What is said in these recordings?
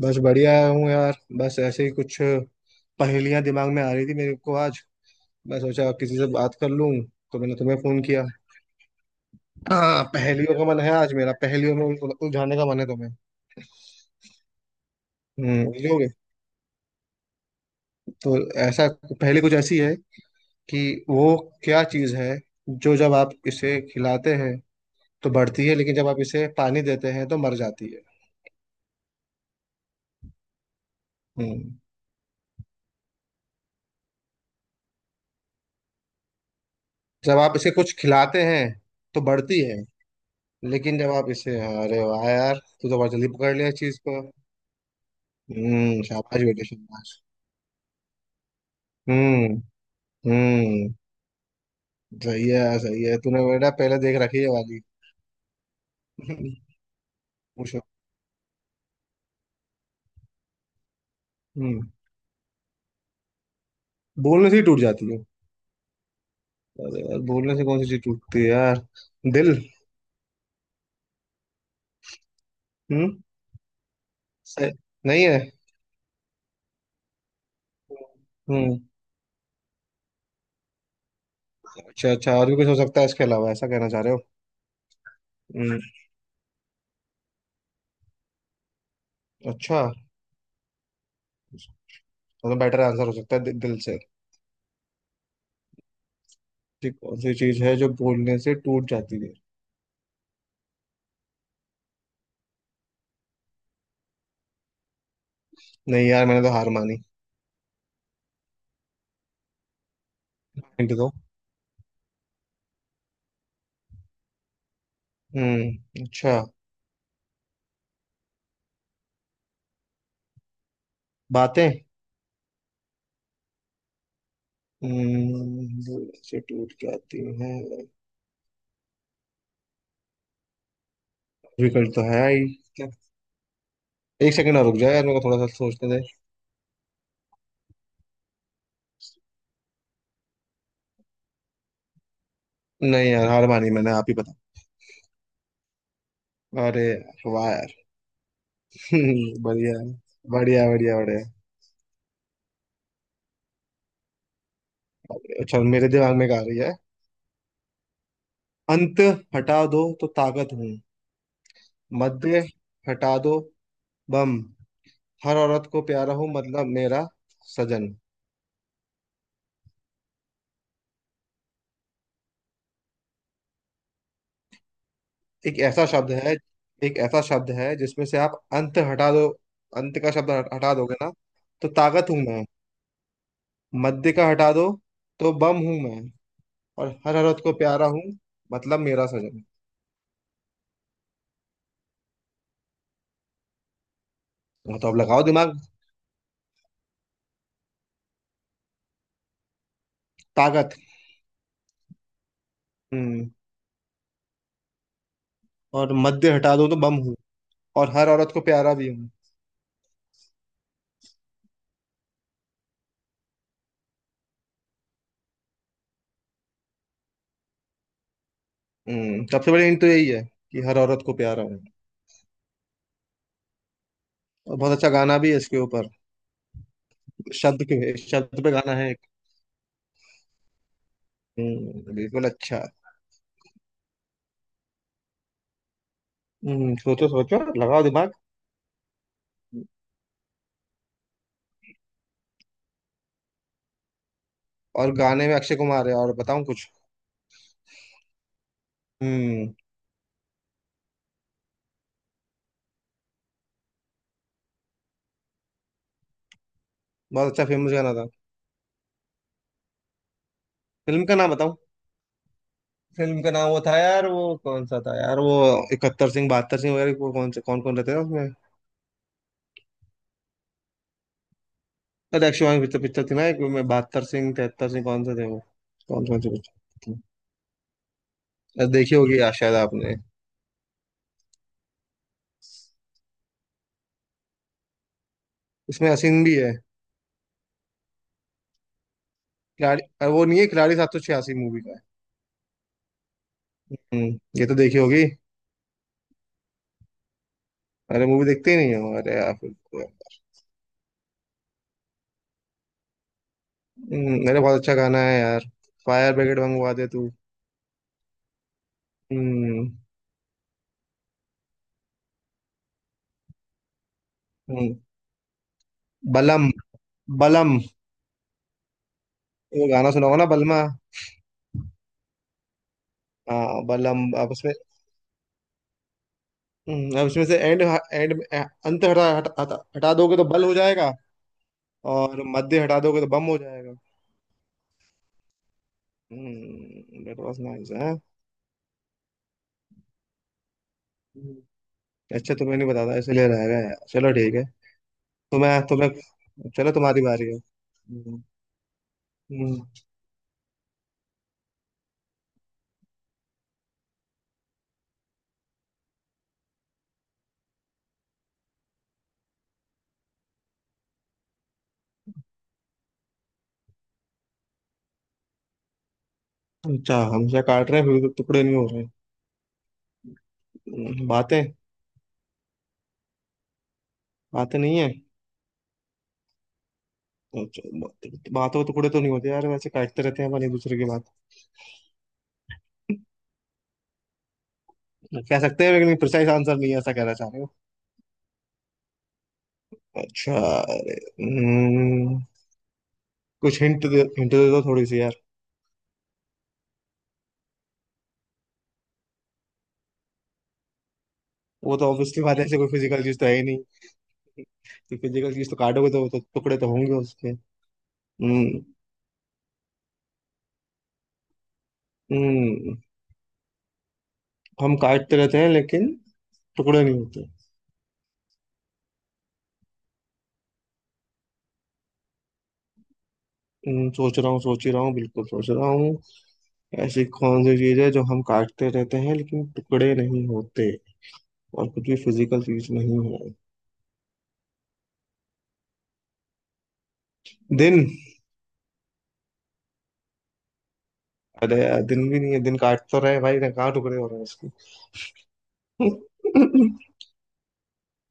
बस बढ़िया हूँ यार। बस ऐसे ही कुछ पहेलियां दिमाग में आ रही थी मेरे को आज। मैं सोचा किसी से बात कर लूँ, तो मैंने तुम्हें फोन किया। हाँ, पहेलियों का मन है आज मेरा, पहेलियों में उलझाने का मन है तुम्हें। हम्म, उलझोगे? तो ऐसा, पहेली कुछ ऐसी है कि वो, क्या चीज़ है जो जब आप इसे खिलाते हैं तो बढ़ती है, लेकिन जब आप इसे पानी देते हैं तो मर जाती है। हम्म। जब आप इसे कुछ खिलाते हैं तो बढ़ती है, लेकिन जब आप इसे, अरे वाह यार। तू तो बहुत जल्दी पकड़ लिया इस चीज को। हम्म, शाबाश बेटे शाबाश। हम्म। हम्म। सही है, सही है, तूने बेटा पहले देख रखी है वाली। पूछो। हम्म, बोलने से ही टूट जाती है? अरे यार, बोलने से कौन सी चीज टूटती है यार? दिल। हम्म। सही। नहीं है। हम्म। अच्छा, अच्छा, और भी कुछ हो सकता है इसके अलावा, ऐसा कहना चाह रहे हो। हम्म। अच्छा, मतलब बेटर आंसर हो सकता है दिल से। ठीक, कौन सी चीज है जो बोलने से टूट जाती है? नहीं यार, मैंने तो हार मानी। हिंट दो। हम्म, अच्छा। बातें? इंस्टीट्यूट क्या आती है। डिफिकल्ट तो है ही। क्या? एक सेकंड और रुक जाओ यार, मेरे को थोड़ा सा सोचने दे। नहीं यार, हार मानी मैंने, आप ही बता। अरे वाह यार। बढ़िया। बढ़िया बढ़िया बढ़िया। अच्छा, मेरे दिमाग में क्या आ रही है। अंत हटा दो तो ताकत हूँ। मध्य हटा दो, बम। हर औरत को प्यारा हूँ, मतलब मेरा सजन। एक ऐसा शब्द है, एक ऐसा शब्द है जिसमें से आप अंत हटा दो। अंत का शब्द हटा दोगे ना, तो ताकत हूं मैं। मध्य का हटा दो तो बम हूं मैं। और हर औरत को प्यारा हूं, मतलब मेरा सजन। वो तो, अब लगाओ दिमाग। ताकत। हम्म। और मध्य हटा दो तो बम हूं। और हर औरत को प्यारा भी हूं। हम्म, सबसे बड़ी हिंट तो यही है कि हर औरत को प्यारा हूं। और बहुत अच्छा गाना भी है इसके ऊपर। शब्द के शब्द पे गाना है एक। हम्म, बिल्कुल। अच्छा। हम्म, सोचो सोचो, लगाओ दिमाग। और गाने में अक्षय कुमार है, और बताऊं कुछ? हम्म। बहुत अच्छा फेमस गाना था। फिल्म का नाम बताऊं? फिल्म का नाम वो था यार, वो कौन सा था यार, वो इकहत्तर सिंह बहत्तर सिंह वगैरह, वो कौन से कौन कौन रहते थे उसमें। अरे अक्षय कुमार की पिक्चर पिक्चर थी ना, एक में बहत्तर सिंह तिहत्तर सिंह, कौन से थे वो? कौन कौन से पिक्चर थी। अरे देखी होगी यार, शायद आपने। इसमें हसीन भी है। खिलाड़ी। अरे वो नहीं है, खिलाड़ी 786 मूवी का है। हम्म, ये तो देखी होगी। अरे मूवी देखते ही नहीं हो? अरे यार फिर तो- अरे बहुत अच्छा गाना है यार। फायर ब्रिगेड मंगवा दे तू। हम्म। हम्म, बलम। बलम। वो गाना सुना होगा ना, बलमा। हाँ, बलम। अब उसमें, अब इसमें से एंड एंड अंत हटा हटा हटा हटा दोगे तो बल हो जाएगा। और मध्य हटा दोगे तो बम हो जाएगा। हम्म, दैट वाज नाइस है। अच्छा, तुम्हें नहीं बताता इसलिए रह गया यार, चलो ठीक है। तुम्हें तुम्हें चलो, तुम्हारी बारी है। हम्म। हम्म। अच्छा, हमसे काट रहे हैं फिर भी तो टुकड़े नहीं हो रहे। बातें? बातें नहीं है। अच्छा, बातों के टुकड़े तो नहीं होते यार वैसे, काटते रहते हैं अपन एक दूसरे की बात। कह सकते हैं, लेकिन प्रिसाइज आंसर नहीं है, ऐसा कहना चाह रहे हो। अच्छा। अरे, हम्म, कुछ हिंट दे दो थोड़ी सी यार। वो तो ऑब्वियसली बात है, ऐसे कोई फिजिकल चीज तो है ही नहीं। तो फिजिकल चीज तो काटोगे तो वो तो टुकड़े तो होंगे उसके। हम्म। हम्म, हम काटते रहते हैं लेकिन टुकड़े नहीं होते। सोच रहा हूँ, सोच ही रहा हूँ, बिल्कुल सोच रहा हूँ। ऐसी कौन सी चीज है जो हम काटते रहते हैं लेकिन टुकड़े नहीं होते, और कुछ भी फिजिकल चीज नहीं है? दिन। अरे यार, दिन भी नहीं है, दिन काट तो रहे हैं भाई ना, कहाँ टुकड़े हो रहे हैं उसके।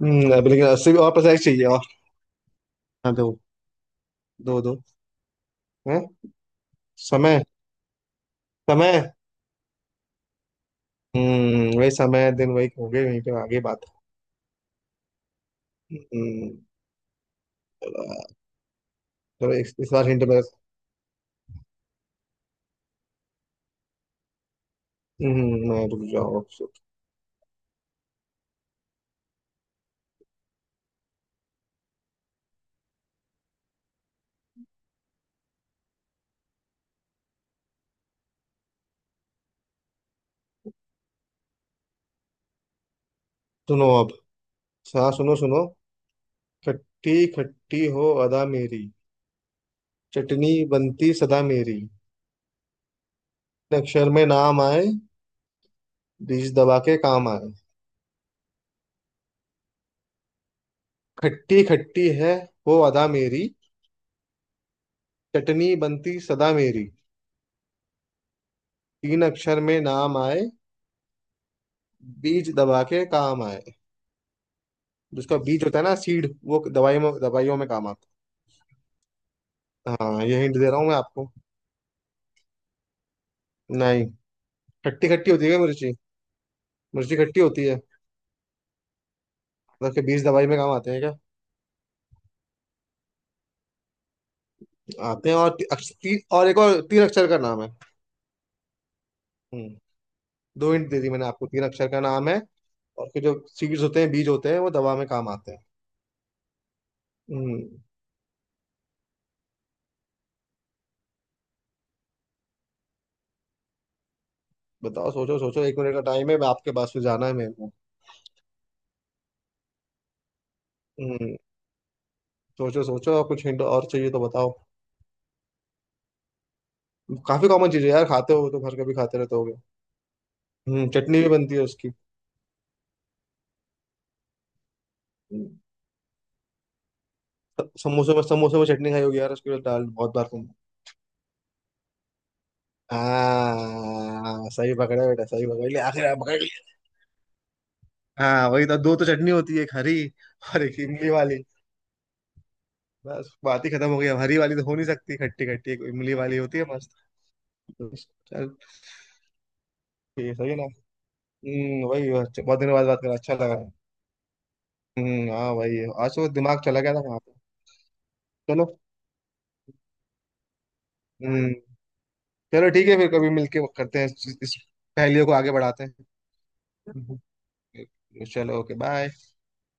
अब लेकिन उससे भी और पrecise चाहिए और। हाँ दो। दो दो। हैं। समय। समय। हम्म, वही समय दिन वही होंगे वहीं पे आगे बात। हम्म। चलो इस बार हिंट मेरे। हम्म, मैं, रुक जाओ अब। सुनो अब। हाँ सुनो सुनो। खट्टी खट्टी हो अदा मेरी। चटनी बनती सदा मेरी। अक्षर में नाम आए। बीज दबा के काम आए। खट्टी खट्टी है, हो अदा मेरी। चटनी बनती सदा मेरी। तीन अक्षर में नाम आए। बीज दबा के काम आए। जिसका बीज होता है ना, सीड, वो दवाई में, दवाइयों में काम आता है। हाँ, ये हिंट दे रहा हूँ मैं आपको। नहीं। खट्टी खट्टी होती है क्या मिर्ची? मिर्ची खट्टी होती है? मतलब के बीज दवाई में काम आते हैं क्या? आते हैं। और और एक, और तीन अक्षर का नाम है। हम्म। दो हिंट दे दी मैंने आपको, तीन अक्षर का नाम है। और के जो सीड्स होते हैं, बीज होते हैं, वो दवा में काम आते हैं। हम्म। बताओ, सोचो सोचो, एक मिनट का टाइम है, मैं आपके पास से जाना है मेरे को। हम्म, सोचो सोचो, और कुछ हिंट और चाहिए तो बताओ। काफी कॉमन चीज है यार, खाते हो तो घर का भी खाते रहते होगे। हम्म, चटनी भी बनती है उसकी। हम्म, समोसे में चटनी खाई होगी यार, उसके लिए दाल बहुत बार। हाँ, सही पकड़े बेटा, सही पकड़ लिया, आखिर आप पकड़ लिए। हाँ, वही तो, दो तो चटनी होती है, एक हरी और एक इमली वाली। बस बात ही खत्म हो गई, अब हरी वाली तो हो नहीं सकती खट्टी खट्टी, एक इमली वाली होती है मस्त। चल। ठीक है, सही है ना। वही। अच्छा, बहुत दिनों बाद बात करा, अच्छा लगा। हाँ वही है। आज वो दिमाग चला गया था वहां पे। चलो। हम्म। चलो ठीक है, फिर कभी मिलके करते हैं इस पहेलियों को आगे बढ़ाते हैं। हम्म। चलो ओके बाय।